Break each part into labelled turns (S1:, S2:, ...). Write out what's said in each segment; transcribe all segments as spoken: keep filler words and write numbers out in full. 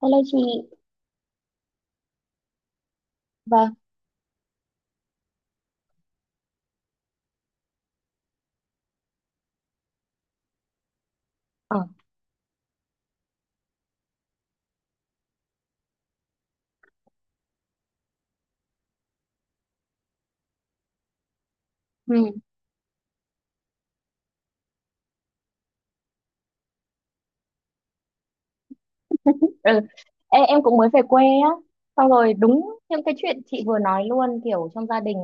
S1: Hello chị, vâng. Ờ. Ừ. Ừ. Ê, em cũng mới về quê á, xong rồi đúng những cái chuyện chị vừa nói luôn, kiểu trong gia đình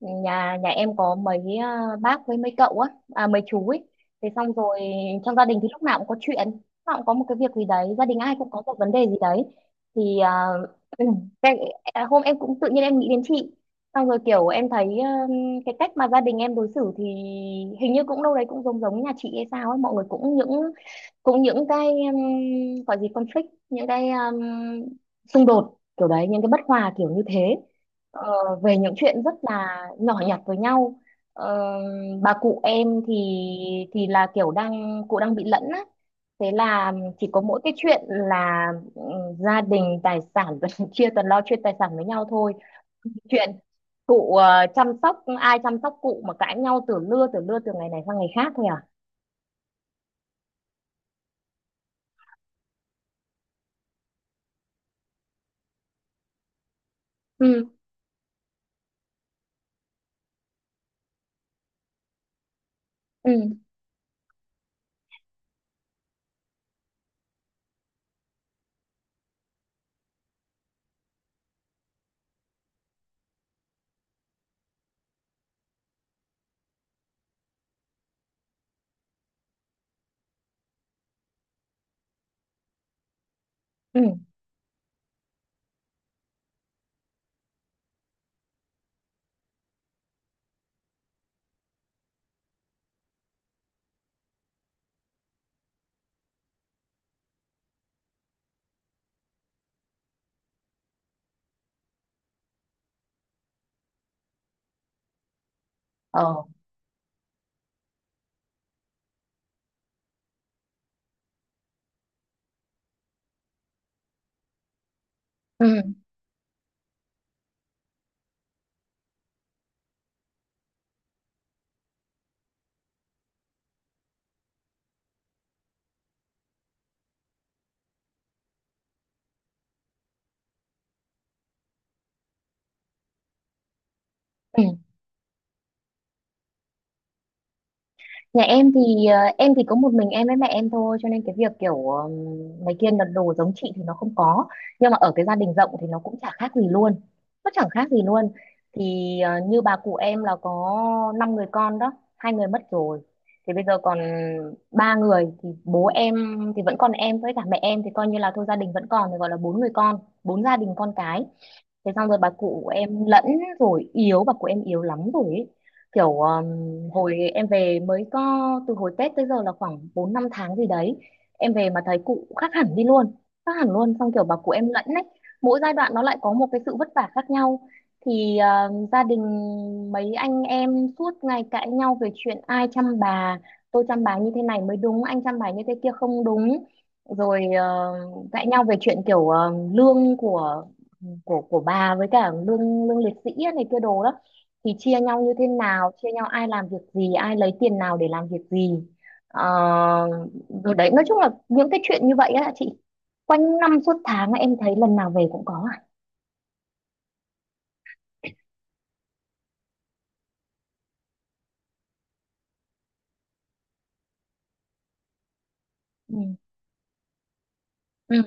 S1: nhà nhà em có mấy à, bác với mấy cậu á, à, mấy chú ấy. Thế xong rồi trong gia đình thì lúc nào cũng có chuyện, lúc nào cũng có một cái việc gì đấy, gia đình ai cũng có một vấn đề gì đấy, thì à, ừ, cái, à, hôm em cũng tự nhiên em nghĩ đến chị, xong rồi kiểu em thấy ừ, cái cách mà gia đình em đối xử thì hình như cũng đâu đấy cũng giống giống nhà chị hay sao ấy, mọi người cũng những cũng những cái um, gọi gì conflict, những cái um, xung đột kiểu đấy, những cái bất hòa kiểu như thế. Ờ, về những chuyện rất là nhỏ nhặt với nhau. Ờ, bà cụ em thì thì là kiểu đang cụ đang bị lẫn á, thế là chỉ có mỗi cái chuyện là ừ, gia đình tài sản chia toàn lo chuyện tài sản với nhau thôi. Chuyện cụ, ờ, chăm sóc ai chăm sóc cụ mà cãi nhau từ lưa từ lưa từ ngày này sang ngày khác thôi à. Ừ, ừ, ừ. Ờ. Ừ. Ừ. Nhà em thì ờ, em thì có một mình em với mẹ em thôi, cho nên cái việc kiểu ờm, mấy kia đặt đồ giống chị thì nó không có, nhưng mà ở cái gia đình rộng thì nó cũng chả khác gì luôn, nó chẳng khác gì luôn. Thì ờ, như bà cụ em là có năm người con đó, hai người mất rồi thì bây giờ còn ba người, thì bố em thì vẫn còn em với cả mẹ em thì coi như là thôi gia đình vẫn còn, thì gọi là bốn người con, bốn gia đình con cái. Thế xong rồi bà cụ em lẫn rồi yếu, bà cụ em yếu lắm rồi ấy. Kiểu um, hồi em về mới có, từ hồi Tết tới giờ là khoảng bốn năm tháng gì đấy, em về mà thấy cụ khác hẳn đi luôn, khác hẳn luôn. Xong kiểu bà cụ em lẫn ấy, mỗi giai đoạn nó lại có một cái sự vất vả khác nhau. Thì um, gia đình mấy anh em suốt ngày cãi nhau về chuyện ai chăm bà, tôi chăm bà như thế này mới đúng, anh chăm bà như thế kia không đúng, rồi ờ, cãi nhau về chuyện kiểu ờ, lương của của của bà với cả lương lương liệt sĩ á, này kia đồ đó, thì chia nhau như thế nào, chia nhau ai làm việc gì, ai lấy tiền nào để làm việc gì. Ờ, rồi đấy, nói chung là những cái chuyện như vậy á chị, quanh năm suốt tháng á, em thấy lần nào về cũng có à. Ừ, ừ,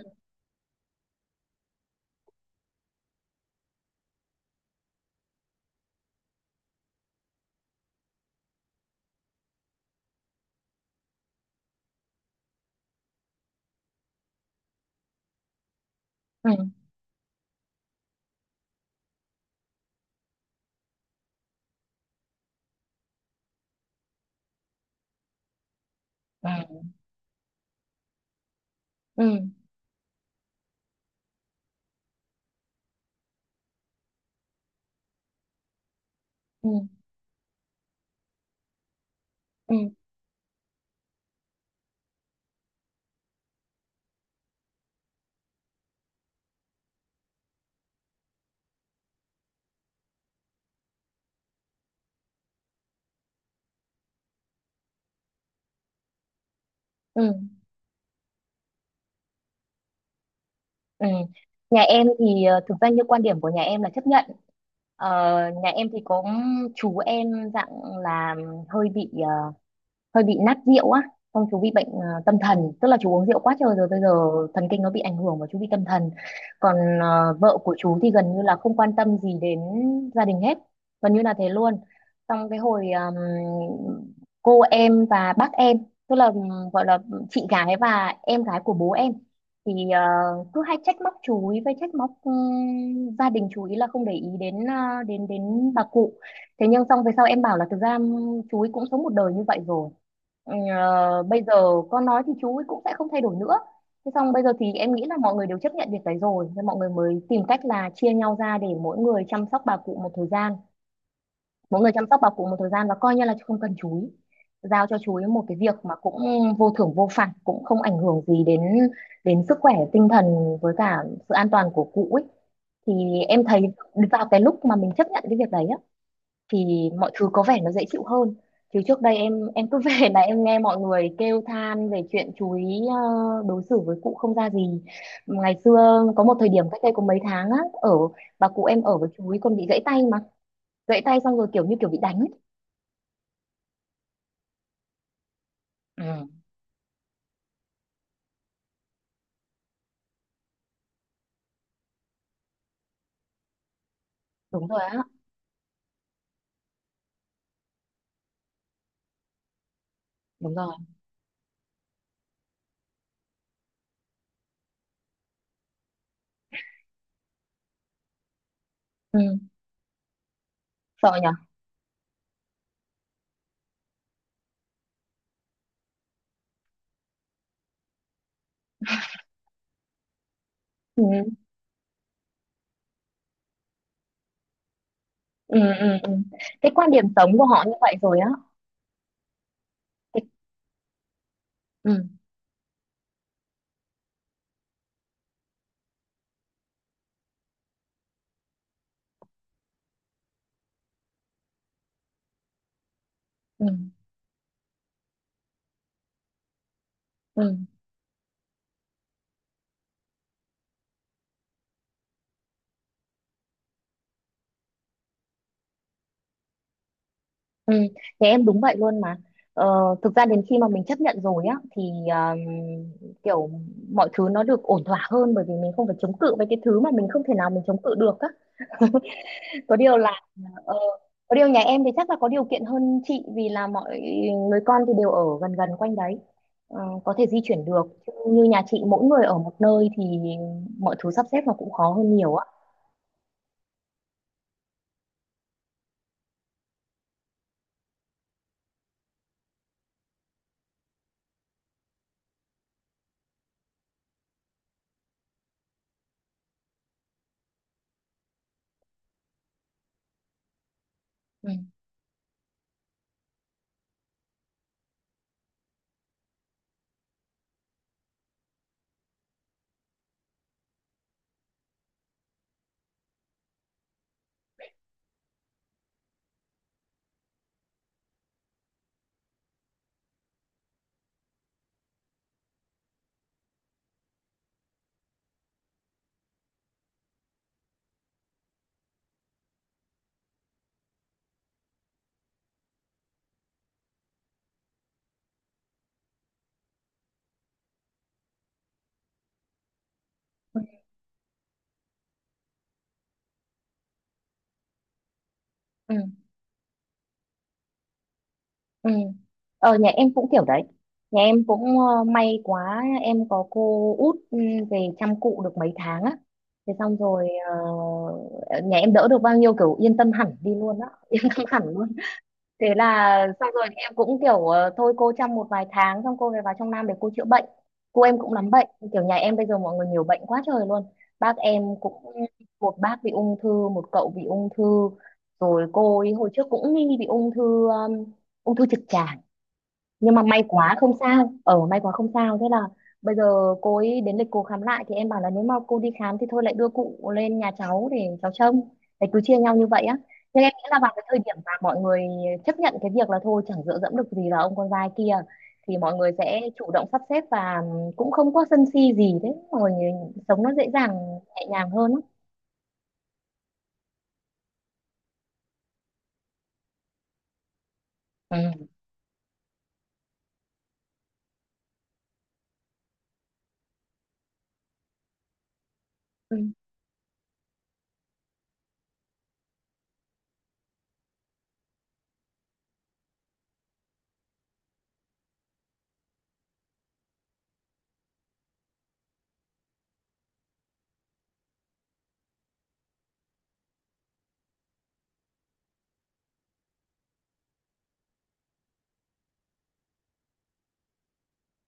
S1: ừ, ừ, ừ, ừ, ừ, ừ, ừ. Nhà em thì ờ, thực ra như quan điểm của nhà em là chấp nhận. Ờ, nhà em thì có chú em dạng là hơi bị hơi bị nát rượu á, xong chú bị bệnh ờ, tâm thần, tức là chú uống rượu quá trời rồi bây giờ thần kinh nó bị ảnh hưởng và chú bị tâm thần. Còn ờ, vợ của chú thì gần như là không quan tâm gì đến gia đình hết, gần như là thế luôn. Xong cái hồi ờm, cô em và bác em, tức là ừm, gọi là chị gái và em gái của bố em, thì ờ, cứ hay trách móc chú ý, với trách móc ừm, gia đình chú ý là không để ý đến ờ, đến đến bà cụ. Thế nhưng xong về sau em bảo là thực ra ừm, chú ấy cũng sống một đời như vậy rồi. Ừ, ờ, bây giờ con nói thì chú ấy cũng sẽ không thay đổi nữa. Thế xong bây giờ thì em nghĩ là mọi người đều chấp nhận việc đấy rồi, nên mọi người mới tìm cách là chia nhau ra để mỗi người chăm sóc bà cụ một thời gian, mỗi người chăm sóc bà cụ một thời gian và coi như là không cần chú ý, giao cho chú ý một cái việc mà cũng vô thưởng vô phạt, cũng không ảnh hưởng gì đến đến sức khỏe tinh thần với cả sự an toàn của cụ ấy. Thì em thấy vào cái lúc mà mình chấp nhận cái việc đấy á thì mọi thứ có vẻ nó dễ chịu hơn. Chứ trước đây em em cứ về là em nghe mọi người kêu than về chuyện chú ý ờ, đối xử với cụ không ra gì. Ngày xưa có một thời điểm cách đây có mấy tháng á, ở bà cụ em ở với chú ý còn bị gãy tay mà, gãy tay xong rồi kiểu như kiểu bị đánh ấy. Ừ, đúng rồi á, đúng rồi. Ừ, sợ nhở. Ừ, ừ, ừ, ừ. Cái quan điểm sống của họ như vậy rồi á. Cái- ừ, ừ, ừ. Ừ, nhà em đúng vậy luôn mà. Ờ, thực ra đến khi mà mình chấp nhận rồi á thì um, kiểu mọi thứ nó được ổn thỏa hơn, bởi vì mình không phải chống cự với cái thứ mà mình không thể nào mình chống cự được á. Có điều là ờ, có điều nhà em thì chắc là có điều kiện hơn chị, vì là mọi người con thì đều ở gần gần quanh đấy. Ờ, có thể di chuyển được. Chứ như nhà chị mỗi người ở một nơi thì mọi thứ sắp xếp nó cũng khó hơn nhiều á. Ừ. Ừ. Ừ. Ờ, nhà em cũng kiểu đấy. Nhà em cũng ờ, may quá em có cô út, ừ, về chăm cụ được mấy tháng á. Thế xong rồi ờ, nhà em đỡ được bao nhiêu, kiểu yên tâm hẳn đi luôn á, yên tâm hẳn luôn. Thế là xong rồi em cũng kiểu ờ, thôi cô chăm một vài tháng xong cô về vào trong Nam để cô chữa bệnh. Cô em cũng lắm bệnh, kiểu nhà em bây giờ mọi người nhiều bệnh quá trời luôn. Bác em cũng một bác bị ung thư, một cậu bị ung thư, rồi cô ấy hồi trước cũng nghi bị ung thư um, ung thư trực tràng, nhưng mà may quá không sao, ở may quá không sao. Thế là bây giờ cô ấy đến lịch cô khám lại thì em bảo là nếu mà cô đi khám thì thôi lại đưa cụ lên nhà cháu để cháu trông, để cứ chia nhau như vậy á. Nhưng em nghĩ là vào cái thời điểm mà mọi người chấp nhận cái việc là thôi chẳng dựa dẫm được gì vào ông con trai kia thì mọi người sẽ chủ động sắp xếp và cũng không có sân si gì, thế mọi người sống nó dễ dàng, nhẹ nhàng hơn á. Ừ. Ừ.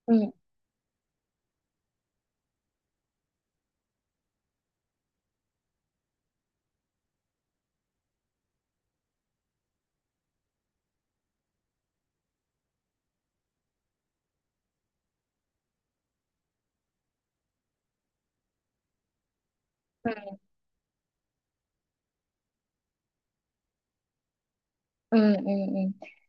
S1: Ừ. Ừ, ừ, ừ,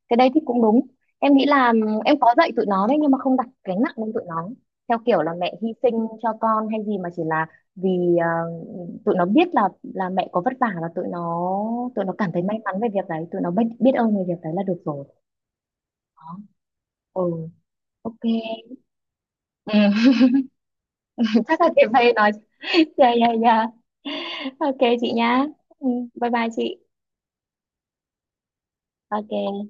S1: cái đấy thì cũng đúng. Em nghĩ là ừ, em có dạy tụi nó đấy, nhưng mà không đặt gánh nặng lên tụi nó theo kiểu là mẹ hy sinh cho con hay gì, mà chỉ là vì ờ, tụi nó biết là là mẹ có vất vả, và tụi nó tụi nó cảm thấy may mắn về việc đấy, tụi nó biết biết ơn về việc đấy là được rồi. Đó. Ừ. Ok. Ừ. chắc là chị phải nói, yeah yeah yeah, ok chị nhá. Ừ. Bye bye chị. Ok